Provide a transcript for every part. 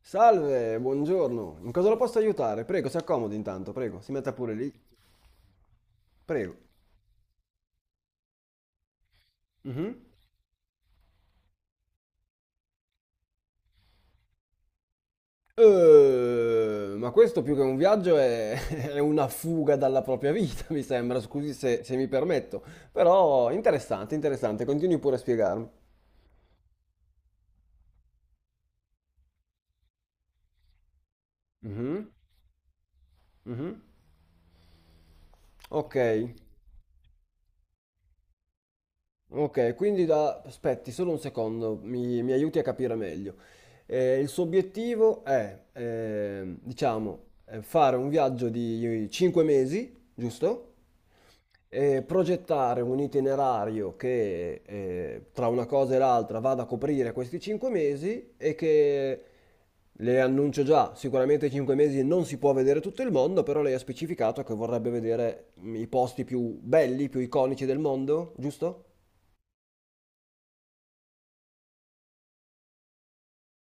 Salve, buongiorno. In cosa la posso aiutare? Prego, si accomodi intanto, prego. Si metta pure lì. Prego. Mhm. Ma questo più che un viaggio è, è una fuga dalla propria vita, mi sembra. Scusi se mi permetto. Però interessante, interessante. Continui pure a spiegarmi. Mhm, mhm. Ok. Ok, quindi aspetti solo un secondo, mi aiuti a capire meglio. Il suo obiettivo è, diciamo, fare un viaggio di 5 mesi, giusto? E progettare un itinerario che tra una cosa e l'altra vada a coprire questi 5 mesi e che le annuncio già, sicuramente 5 mesi non si può vedere tutto il mondo, però lei ha specificato che vorrebbe vedere i posti più belli, più iconici del mondo, giusto?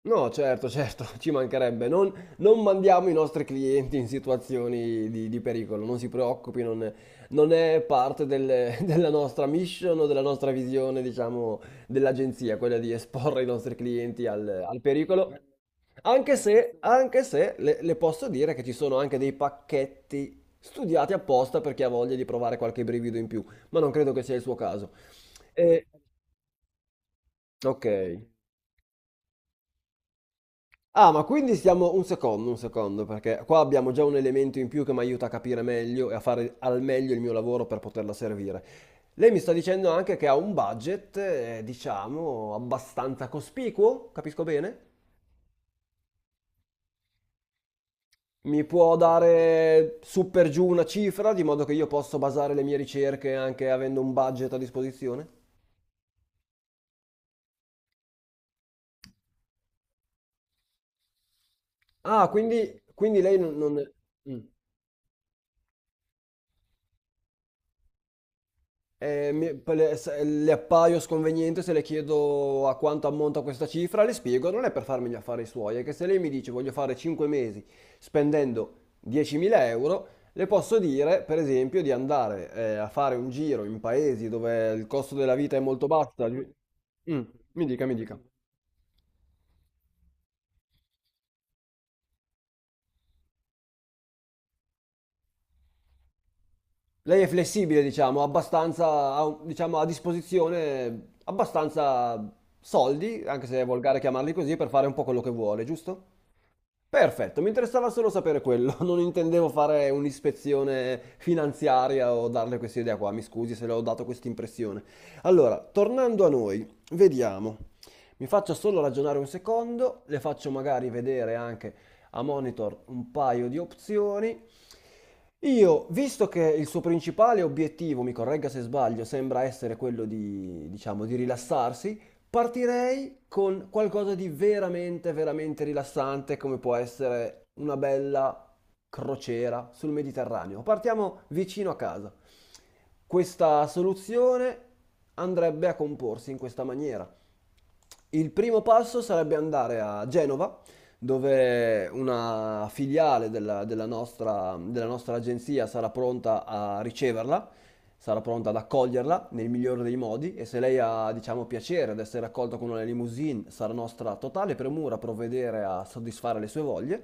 No, certo, certo, ci mancherebbe. Non mandiamo i nostri clienti in situazioni di pericolo, non si preoccupi, non è parte della nostra mission o della nostra visione, diciamo, dell'agenzia, quella di esporre i nostri clienti al pericolo. Anche se le posso dire che ci sono anche dei pacchetti studiati apposta per chi ha voglia di provare qualche brivido in più, ma non credo che sia il suo caso. Eh, ok. Ah, ma quindi stiamo un secondo, perché qua abbiamo già un elemento in più che mi aiuta a capire meglio e a fare al meglio il mio lavoro per poterla servire. Lei mi sta dicendo anche che ha un budget, diciamo, abbastanza cospicuo, capisco bene? Mi può dare su per giù una cifra, di modo che io posso basare le mie ricerche anche avendo un budget a disposizione? Ah, quindi lei non. Mm. Poi le appaio sconveniente se le chiedo a quanto ammonta questa cifra, le spiego, non è per farmi gli affari suoi, è che se lei mi dice voglio fare 5 mesi spendendo 10.000 euro, le posso dire, per esempio, di andare a fare un giro in paesi dove il costo della vita è molto basso. Mm, Mi dica, mi dica. Lei è flessibile, diciamo, abbastanza, diciamo, a disposizione abbastanza soldi, anche se è volgare chiamarli così, per fare un po' quello che vuole, giusto? Perfetto, mi interessava solo sapere quello, non intendevo fare un'ispezione finanziaria o darle questa idea qua, mi scusi se le ho dato questa impressione. Allora, tornando a noi, vediamo, mi faccio solo ragionare un secondo, le faccio magari vedere anche a monitor un paio di opzioni io, visto che il suo principale obiettivo, mi corregga se sbaglio, sembra essere quello di, diciamo, di rilassarsi, partirei con qualcosa di veramente, veramente rilassante, come può essere una bella crociera sul Mediterraneo. Partiamo vicino a casa. Questa soluzione andrebbe a comporsi in questa maniera. Il primo passo sarebbe andare a Genova, dove una filiale della nostra agenzia sarà pronta a riceverla, sarà pronta ad accoglierla nel migliore dei modi e se lei ha, diciamo, piacere ad essere accolta con una limousine, sarà nostra totale premura provvedere a soddisfare le sue voglie.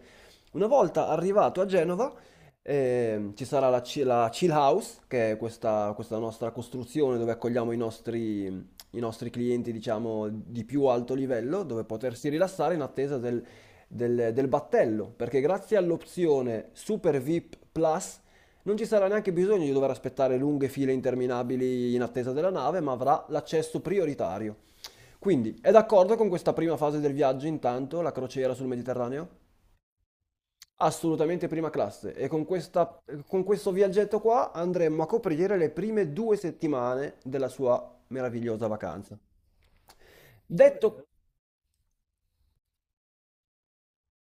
Una volta arrivato a Genova, ci sarà la Chill House, che è questa nostra costruzione dove accogliamo i nostri clienti, diciamo, di più alto livello, dove potersi rilassare in attesa del battello, perché grazie all'opzione Super VIP Plus non ci sarà neanche bisogno di dover aspettare lunghe file interminabili in attesa della nave, ma avrà l'accesso prioritario. Quindi, è d'accordo con questa prima fase del viaggio, intanto, la crociera sul Mediterraneo? Assolutamente prima classe e con con questo viaggetto qua andremo a coprire le prime 2 settimane della sua meravigliosa vacanza. Detto,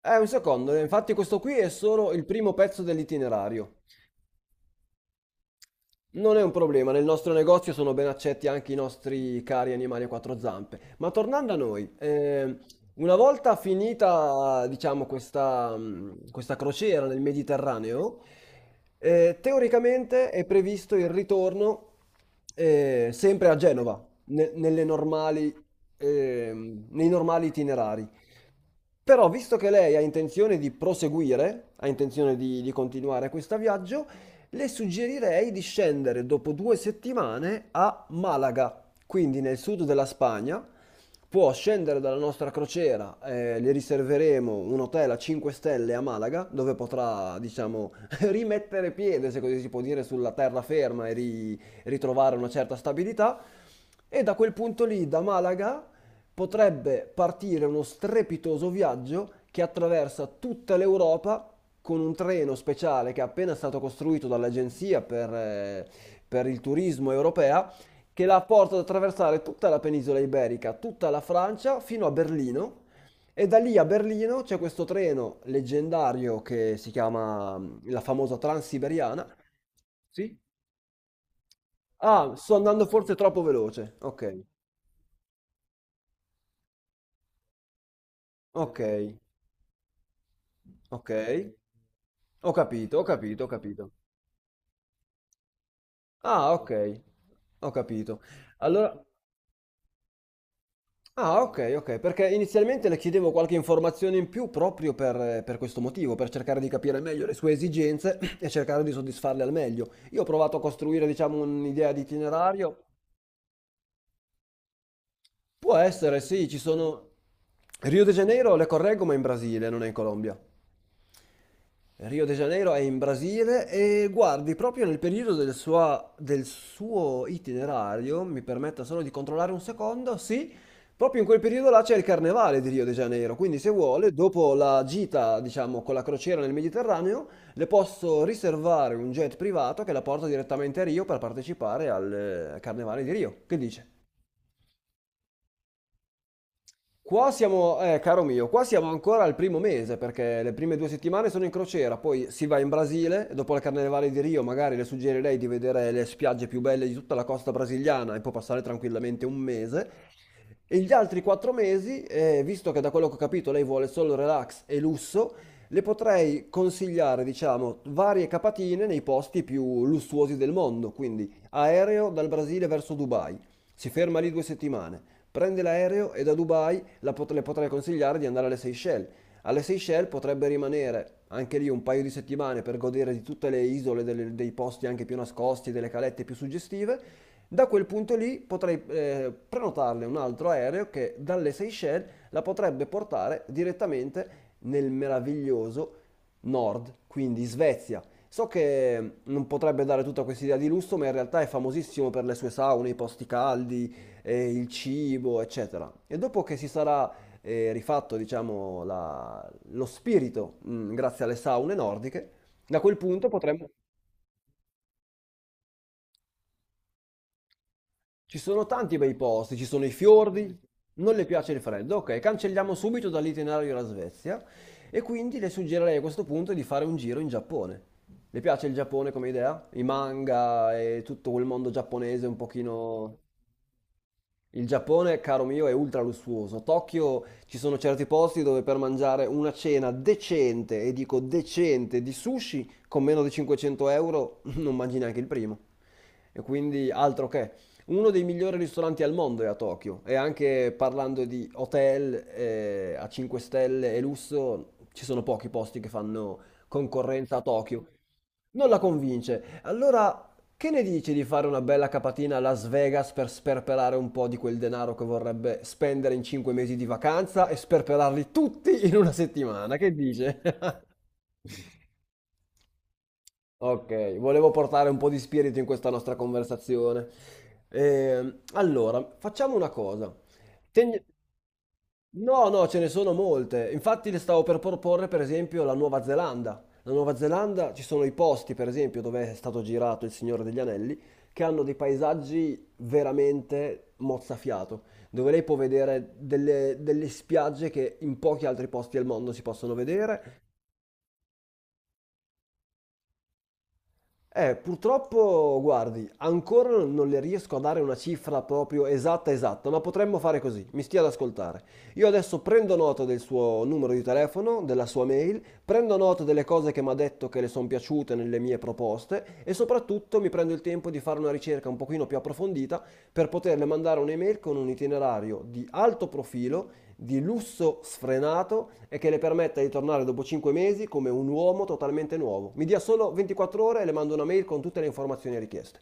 un secondo, infatti questo qui è solo il primo pezzo dell'itinerario. Non è un problema, nel nostro negozio sono ben accetti anche i nostri cari animali a quattro zampe. Ma tornando a noi, una volta finita, diciamo, questa, questa crociera nel Mediterraneo, teoricamente è previsto il ritorno sempre a Genova, nei normali itinerari. Però, visto che lei ha intenzione di proseguire, ha intenzione di continuare questo viaggio, le suggerirei di scendere dopo 2 settimane a Malaga, quindi nel sud della Spagna. Può scendere dalla nostra crociera, le riserveremo un hotel a 5 stelle a Malaga, dove potrà, diciamo, rimettere piede, se così si può dire, sulla terraferma e ritrovare una certa stabilità. E da quel punto lì, da Malaga, potrebbe partire uno strepitoso viaggio che attraversa tutta l'Europa con un treno speciale che è appena stato costruito dall'Agenzia per il turismo europea, che la porta ad attraversare tutta la penisola iberica, tutta la Francia, fino a Berlino. E da lì a Berlino c'è questo treno leggendario che si chiama la famosa Transiberiana. Sì? Ah, sto andando forse troppo veloce. Ok, ok. Ok, ho capito, ho capito, ho capito. Ah, ok, ho capito. Allora, ah, ok, ok, perché inizialmente le chiedevo qualche informazione in più proprio per questo motivo, per cercare di capire meglio le sue esigenze e cercare di soddisfarle al meglio. Io ho provato a costruire, diciamo, un'idea di itinerario. Può essere. Rio de Janeiro, le correggo, ma in Brasile, non è in Colombia. Rio de Janeiro è in Brasile e guardi, proprio nel periodo del suo itinerario, mi permetta solo di controllare un secondo, sì, proprio in quel periodo là c'è il carnevale di Rio de Janeiro, quindi se vuole, dopo la gita, diciamo, con la crociera nel Mediterraneo, le posso riservare un jet privato che la porta direttamente a Rio per partecipare al carnevale di Rio. Che dice? Qua siamo, caro mio, qua siamo ancora al primo mese perché le prime due settimane sono in crociera, poi si va in Brasile e dopo la Carnevale di Rio magari le suggerirei di vedere le spiagge più belle di tutta la costa brasiliana e può passare tranquillamente un mese. E gli altri 4 mesi, visto che da quello che ho capito lei vuole solo relax e lusso, le potrei consigliare, diciamo, varie capatine nei posti più lussuosi del mondo, quindi aereo dal Brasile verso Dubai, si ferma lì 2 settimane, prende l'aereo e da Dubai le potrei consigliare di andare alle Seychelles. Alle Seychelles potrebbe rimanere anche lì un paio di settimane per godere di tutte le isole, dei posti anche più nascosti, delle calette più suggestive. Da quel punto lì potrei prenotarle un altro aereo che dalle Seychelles la potrebbe portare direttamente nel meraviglioso nord, quindi Svezia. So che non potrebbe dare tutta questa idea di lusso, ma in realtà è famosissimo per le sue saune, i posti caldi, il cibo, eccetera. E dopo che si sarà rifatto, diciamo, lo spirito, grazie alle saune nordiche, da quel punto. Ci sono tanti bei posti, ci sono i fiordi, non le piace il freddo, ok, cancelliamo subito dall'itinerario la Svezia e quindi le suggerirei a questo punto di fare un giro in Giappone. Le piace il Giappone come idea? I manga e tutto quel mondo giapponese un pochino. Il Giappone, caro mio, è ultra lussuoso. Tokyo ci sono certi posti dove per mangiare una cena decente, e dico decente, di sushi con meno di 500 euro non mangi neanche il primo. E quindi altro che. Uno dei migliori ristoranti al mondo è a Tokyo. E anche parlando di hotel a 5 stelle e lusso, ci sono pochi posti che fanno concorrenza a Tokyo. Non la convince. Allora che ne dici di fare una bella capatina a Las Vegas per sperperare un po' di quel denaro che vorrebbe spendere in 5 mesi di vacanza e sperperarli tutti in una settimana? Che dice? Ok, volevo portare un po' di spirito in questa nostra conversazione. Allora, facciamo una cosa. Teni- No, no, ce ne sono molte. Infatti le stavo per proporre, per esempio, la Nuova Zelanda. La Nuova Zelanda ci sono i posti, per esempio, dove è stato girato Il Signore degli Anelli, che hanno dei paesaggi veramente mozzafiato, dove lei può vedere delle spiagge che in pochi altri posti al mondo si possono vedere. Purtroppo, guardi, ancora non le riesco a dare una cifra proprio esatta esatta, ma potremmo fare così, mi stia ad ascoltare. Io adesso prendo nota del suo numero di telefono, della sua mail, prendo nota delle cose che mi ha detto che le sono piaciute nelle mie proposte e soprattutto mi prendo il tempo di fare una ricerca un pochino più approfondita per poterle mandare un'email con un itinerario di alto profilo di lusso sfrenato e che le permetta di tornare dopo 5 mesi come un uomo totalmente nuovo. Mi dia solo 24 ore e le mando una mail con tutte le informazioni richieste.